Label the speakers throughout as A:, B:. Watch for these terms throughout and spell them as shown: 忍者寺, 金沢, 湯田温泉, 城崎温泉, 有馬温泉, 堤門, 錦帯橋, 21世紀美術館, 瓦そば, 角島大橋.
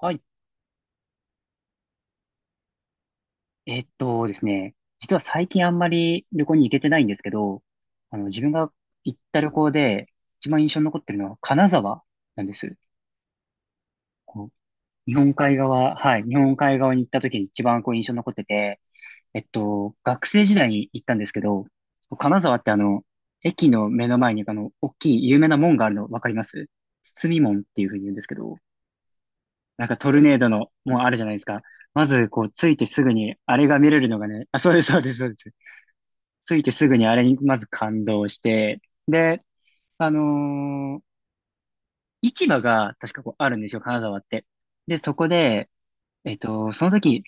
A: はい。えっとですね、実は最近あんまり旅行に行けてないんですけど、自分が行った旅行で一番印象に残ってるのは金沢なんです。こう、日本海側、はい、日本海側に行った時に一番こう印象に残ってて、学生時代に行ったんですけど、金沢って駅の目の前に大きい有名な門があるのわかります？堤門っていうふうに言うんですけど、なんかトルネードの門あるじゃないですか。まず、こう、ついてすぐに、あれが見れるのがね、あ、そうです、そうです、そうです。着いてすぐにあれにまず感動して、で、あのー市場が確かこうあるんですよ、金沢って。で、そこで、その時、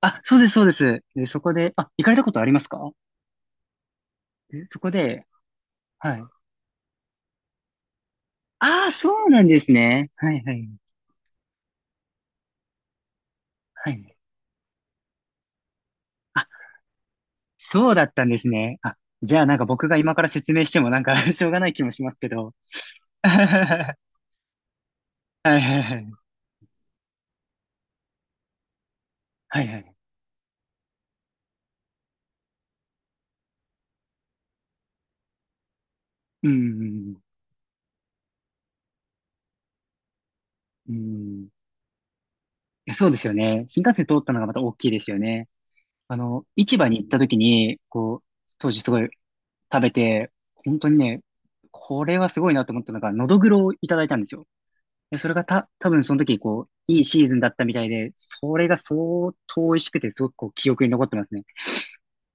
A: あ、そうです、そうです。で、そこで、あ、行かれたことありますか？でそこで、はい。ああ、そうなんですね。はい、はい、はい。あ、そうだったんですね。あ、じゃあなんか僕が今から説明してもなんか しょうがない気もしますけど。はい、はい、はい。はい、はい。うん、うん、うん。いやそうですよね。新幹線通ったのがまた大きいですよね。あの、市場に行った時に、こう、当時すごい食べて、本当にね、これはすごいなと思ったのが、のどぐろをいただいたんですよ。でそれがた、多分その時、こう、いいシーズンだったみたいで、それが相当美味しくて、すごくこう、記憶に残ってますね。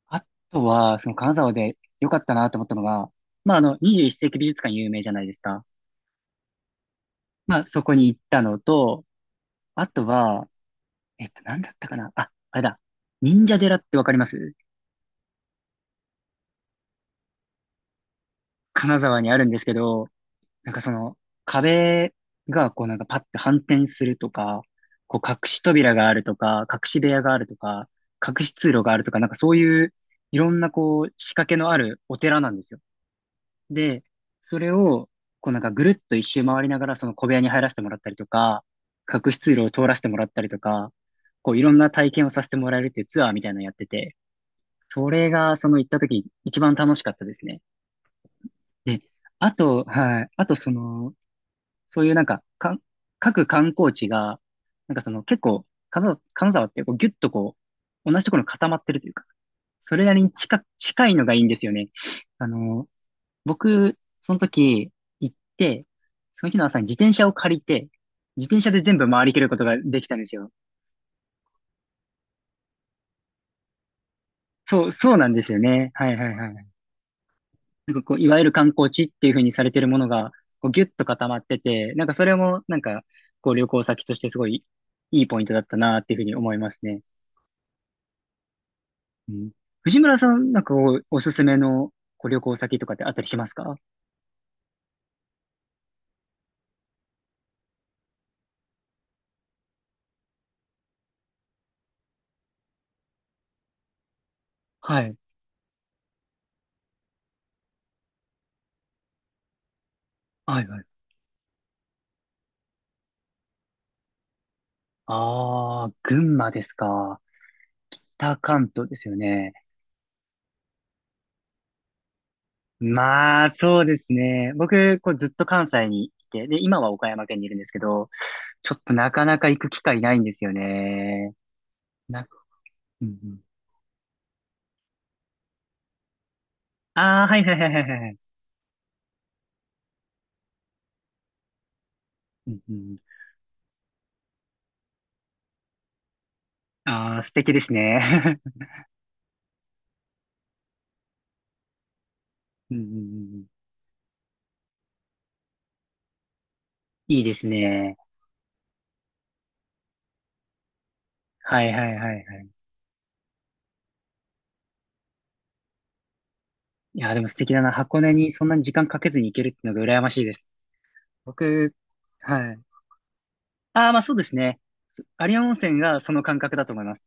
A: あとは、その金沢で良かったなと思ったのが、まあ、あの、21世紀美術館有名じゃないですか。まあ、そこに行ったのと、あとは、なんだったかな。あ、あれだ。忍者寺ってわかります？金沢にあるんですけど、なんかその壁がこうなんかパッて反転するとか、こう隠し扉があるとか、隠し部屋があるとか、隠し通路があるとか、なんかそういういろんなこう仕掛けのあるお寺なんですよ。で、それをこうなんかぐるっと一周回りながらその小部屋に入らせてもらったりとか、隠し通路を通らせてもらったりとか、こういろんな体験をさせてもらえるっていうツアーみたいなのやってて、それがその行った時一番楽しかったですね。で、あと、はい。あと、その、そういうなんか、か、各観光地が、なんかその、結構、金沢ってこうギュッと同じところに固まってるというか、それなりに近いのがいいんですよね。あの、僕、その時行って、その日の朝に自転車を借りて、自転車で全部回りきることができたんですよ。そう、そうなんですよね。はいはいはい。なんかこう、いわゆる観光地っていう風にされてるものが、こう、ギュッと固まってて、なんかそれも、なんか、こう、旅行先としてすごいいいポイントだったなっていう風に思いますね。うん。藤村さん、なんかこう、おすすめのこう旅行先とかってあったりしますか？はい。はいはい。ああ、群馬ですか。北関東ですよね。まあ、そうですね。僕、こう、ずっと関西にいて、で、今は岡山県にいるんですけど、ちょっとなかなか行く機会ないんですよね。な、うんうん。ああ、はいはいはいはいはい。うんうん、ああ、素敵ですね。うんうんうんうん、いいですね。はいはいはいはい。いや、でも素敵だな。箱根にそんなに時間かけずに行けるっていうのが羨ましいです。僕、はい。ああ、まあそうですね。有馬温泉がその感覚だと思います。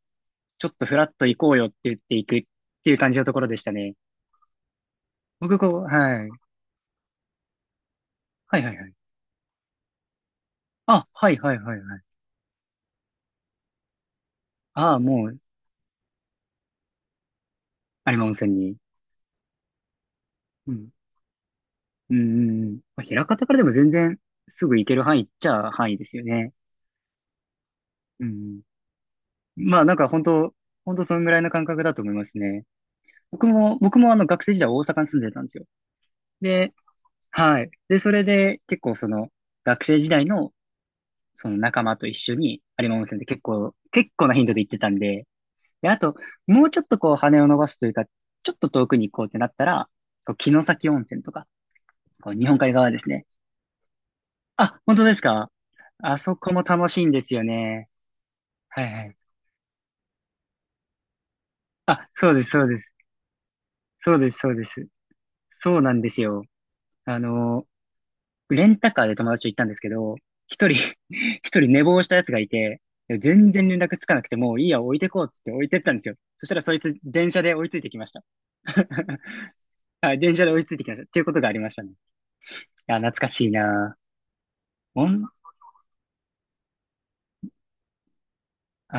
A: ちょっとフラッと行こうよって言って行くっていう感じのところでしたね。僕、こう、はい。はいはいはい。あ、はいはいはいはい。ああ、もう、有馬温泉に。うん。うんうんうん。まあ、枚方からでも全然すぐ行ける範囲っちゃ範囲ですよね。うん。まあなんか本当、本当そのぐらいの感覚だと思いますね。僕もあの学生時代大阪に住んでたんですよ。で、はい。で、それで結構その学生時代のその仲間と一緒に有馬温泉って結構な頻度で行ってたんで、で、あと、もうちょっとこう羽を伸ばすというか、ちょっと遠くに行こうってなったら、こう城崎温泉とか、こう日本海側ですね。あ、本当ですか？あそこも楽しいんですよね。はいはい。あ、そうです、そうです。そうです、そうです。そうなんですよ。あの、レンタカーで友達と行ったんですけど、一人 一人寝坊したやつがいて、全然連絡つかなくて、もういいや、置いてこうっつって置いてったんですよ。そしたらそいつ、電車で追いついてきました。はい、電車で追いついてきました。っていうことがありましたね。いや、懐かしいなぁ。おん、ああ、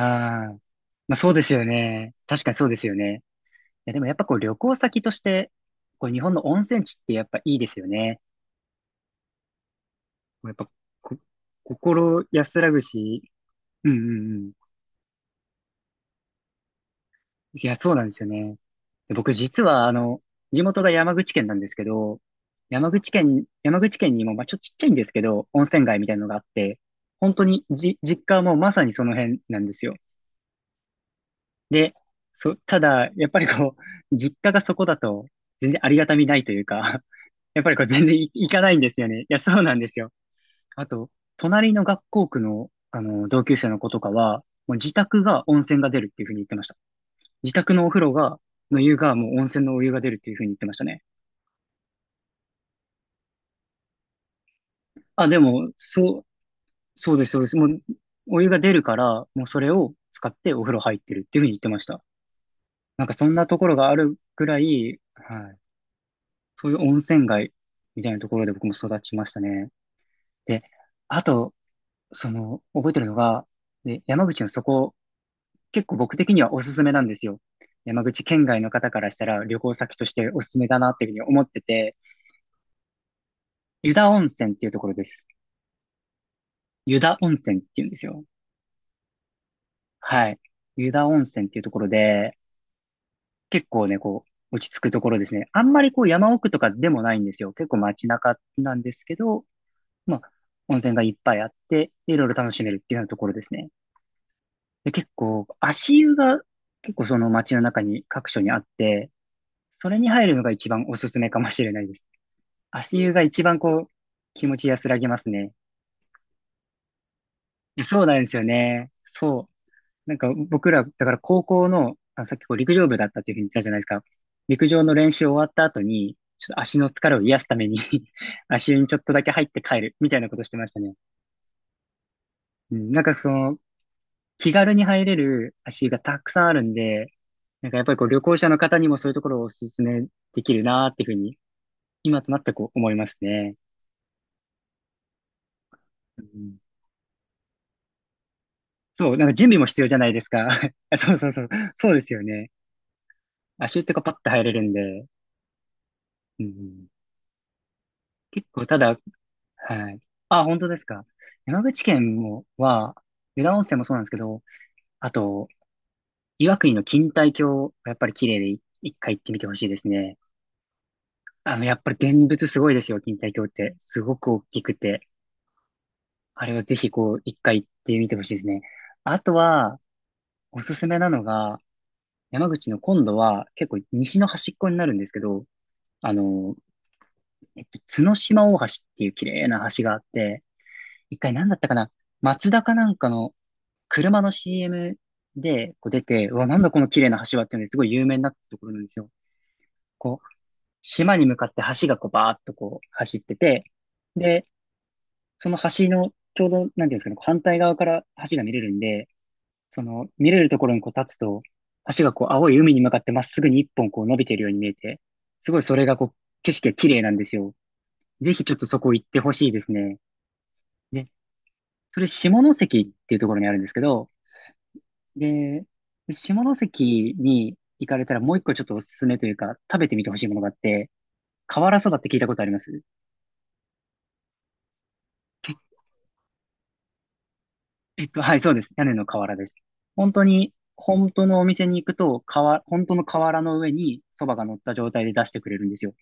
A: まあそうですよね。確かにそうですよね。いや、でもやっぱこう旅行先として、こう日本の温泉地ってやっぱいいですよね。やっぱこ、心安らぐし、うんうん。いや、そうなんですよね。で僕実は、あの、地元が山口県なんですけど、山口県にも、まあ、ちょっとちっちゃいんですけど、温泉街みたいなのがあって、本当にじ、実家はもうまさにその辺なんですよ。で、ただ、やっぱりこう、実家がそこだと、全然ありがたみないというか、やっぱりこう、全然い行かないんですよね。いや、そうなんですよ。あと、隣の学校区の、あの、同級生の子とかは、もう自宅が温泉が出るっていうふうに言ってました。自宅のお風呂が、の湯が、もう温泉のお湯が出るっていうふうに言ってましたね。あ、でも、そう、そうです、そうです。もう、お湯が出るから、もうそれを使ってお風呂入ってるっていうふうに言ってました。なんかそんなところがあるぐらい、はい。そういう温泉街みたいなところで僕も育ちましたね。で、あと、その、覚えてるのが、で、山口のそこ、結構僕的にはおすすめなんですよ。山口県外の方からしたら旅行先としておすすめだなっていうふうに思ってて、湯田温泉っていうところです。湯田温泉っていうんですよ。はい。湯田温泉っていうところで、結構ね、こう、落ち着くところですね。あんまりこう山奥とかでもないんですよ。結構街中なんですけど、まあ、温泉がいっぱいあって、でいろいろ楽しめるっていうようなところですね。で、結構、足湯が結構その街の中に各所にあって、それに入るのが一番おすすめかもしれないです。足湯が一番こう、気持ち安らぎますね。いやそうなんですよね。そう。なんか僕ら、だから高校の、あ、さっきこう陸上部だったっていうふうに言ったじゃないですか。陸上の練習終わった後に、ちょっと足の疲れを癒すために 足湯にちょっとだけ入って帰るみたいなことしてましたね。うん、なんか気軽に入れる足湯がたくさんあるんで、なんかやっぱりこう旅行者の方にもそういうところをお勧めできるなーっていうふうに、今となってこう思いますね。うん、そう、なんか準備も必要じゃないですか。あそうそうそう。そうですよね。足湯ってこうパッと入れるんで、うん、結構ただはい。あ、本当ですか。山口県も、湯田温泉もそうなんですけど、あと、岩国の錦帯橋がやっぱり綺麗で一回行ってみてほしいですね。あの、やっぱり現物すごいですよ、錦帯橋って。すごく大きくて。あれはぜひこう、一回行ってみてほしいですね。あとは、おすすめなのが、山口の今度は結構西の端っこになるんですけど、あの、角島大橋っていう綺麗な橋があって、一回何だったかな、松田かなんかの車の CM でこう出て、うわ、なんだこの綺麗な橋はっていうのですごい有名になったところなんですよ。こう、島に向かって橋がこうバーっとこう走ってて、で、その橋のちょうど、なんていうんですかね、こう反対側から橋が見れるんで、その見れるところにこう立つと、橋がこう青い海に向かってまっすぐに一本こう伸びてるように見えて、すごいそれがこう景色が綺麗なんですよ。ぜひちょっとそこ行ってほしいですね。で、それ下関っていうところにあるんですけど、で、下関に行かれたらもう一個ちょっとおすすめというか、食べてみてほしいものがあって、瓦そばって聞いたことあります？えっと、はい、そうです。屋根の瓦です。本当に、本当のお店に行くと、瓦、本当の瓦の上にそばが乗った状態で出してくれるんですよ。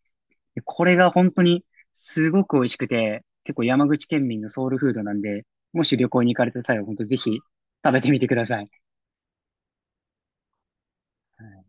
A: で、これが本当にすごく美味しくて、結構山口県民のソウルフードなんで、もし旅行に行かれた際は本当ぜひ食べてみてください。はい。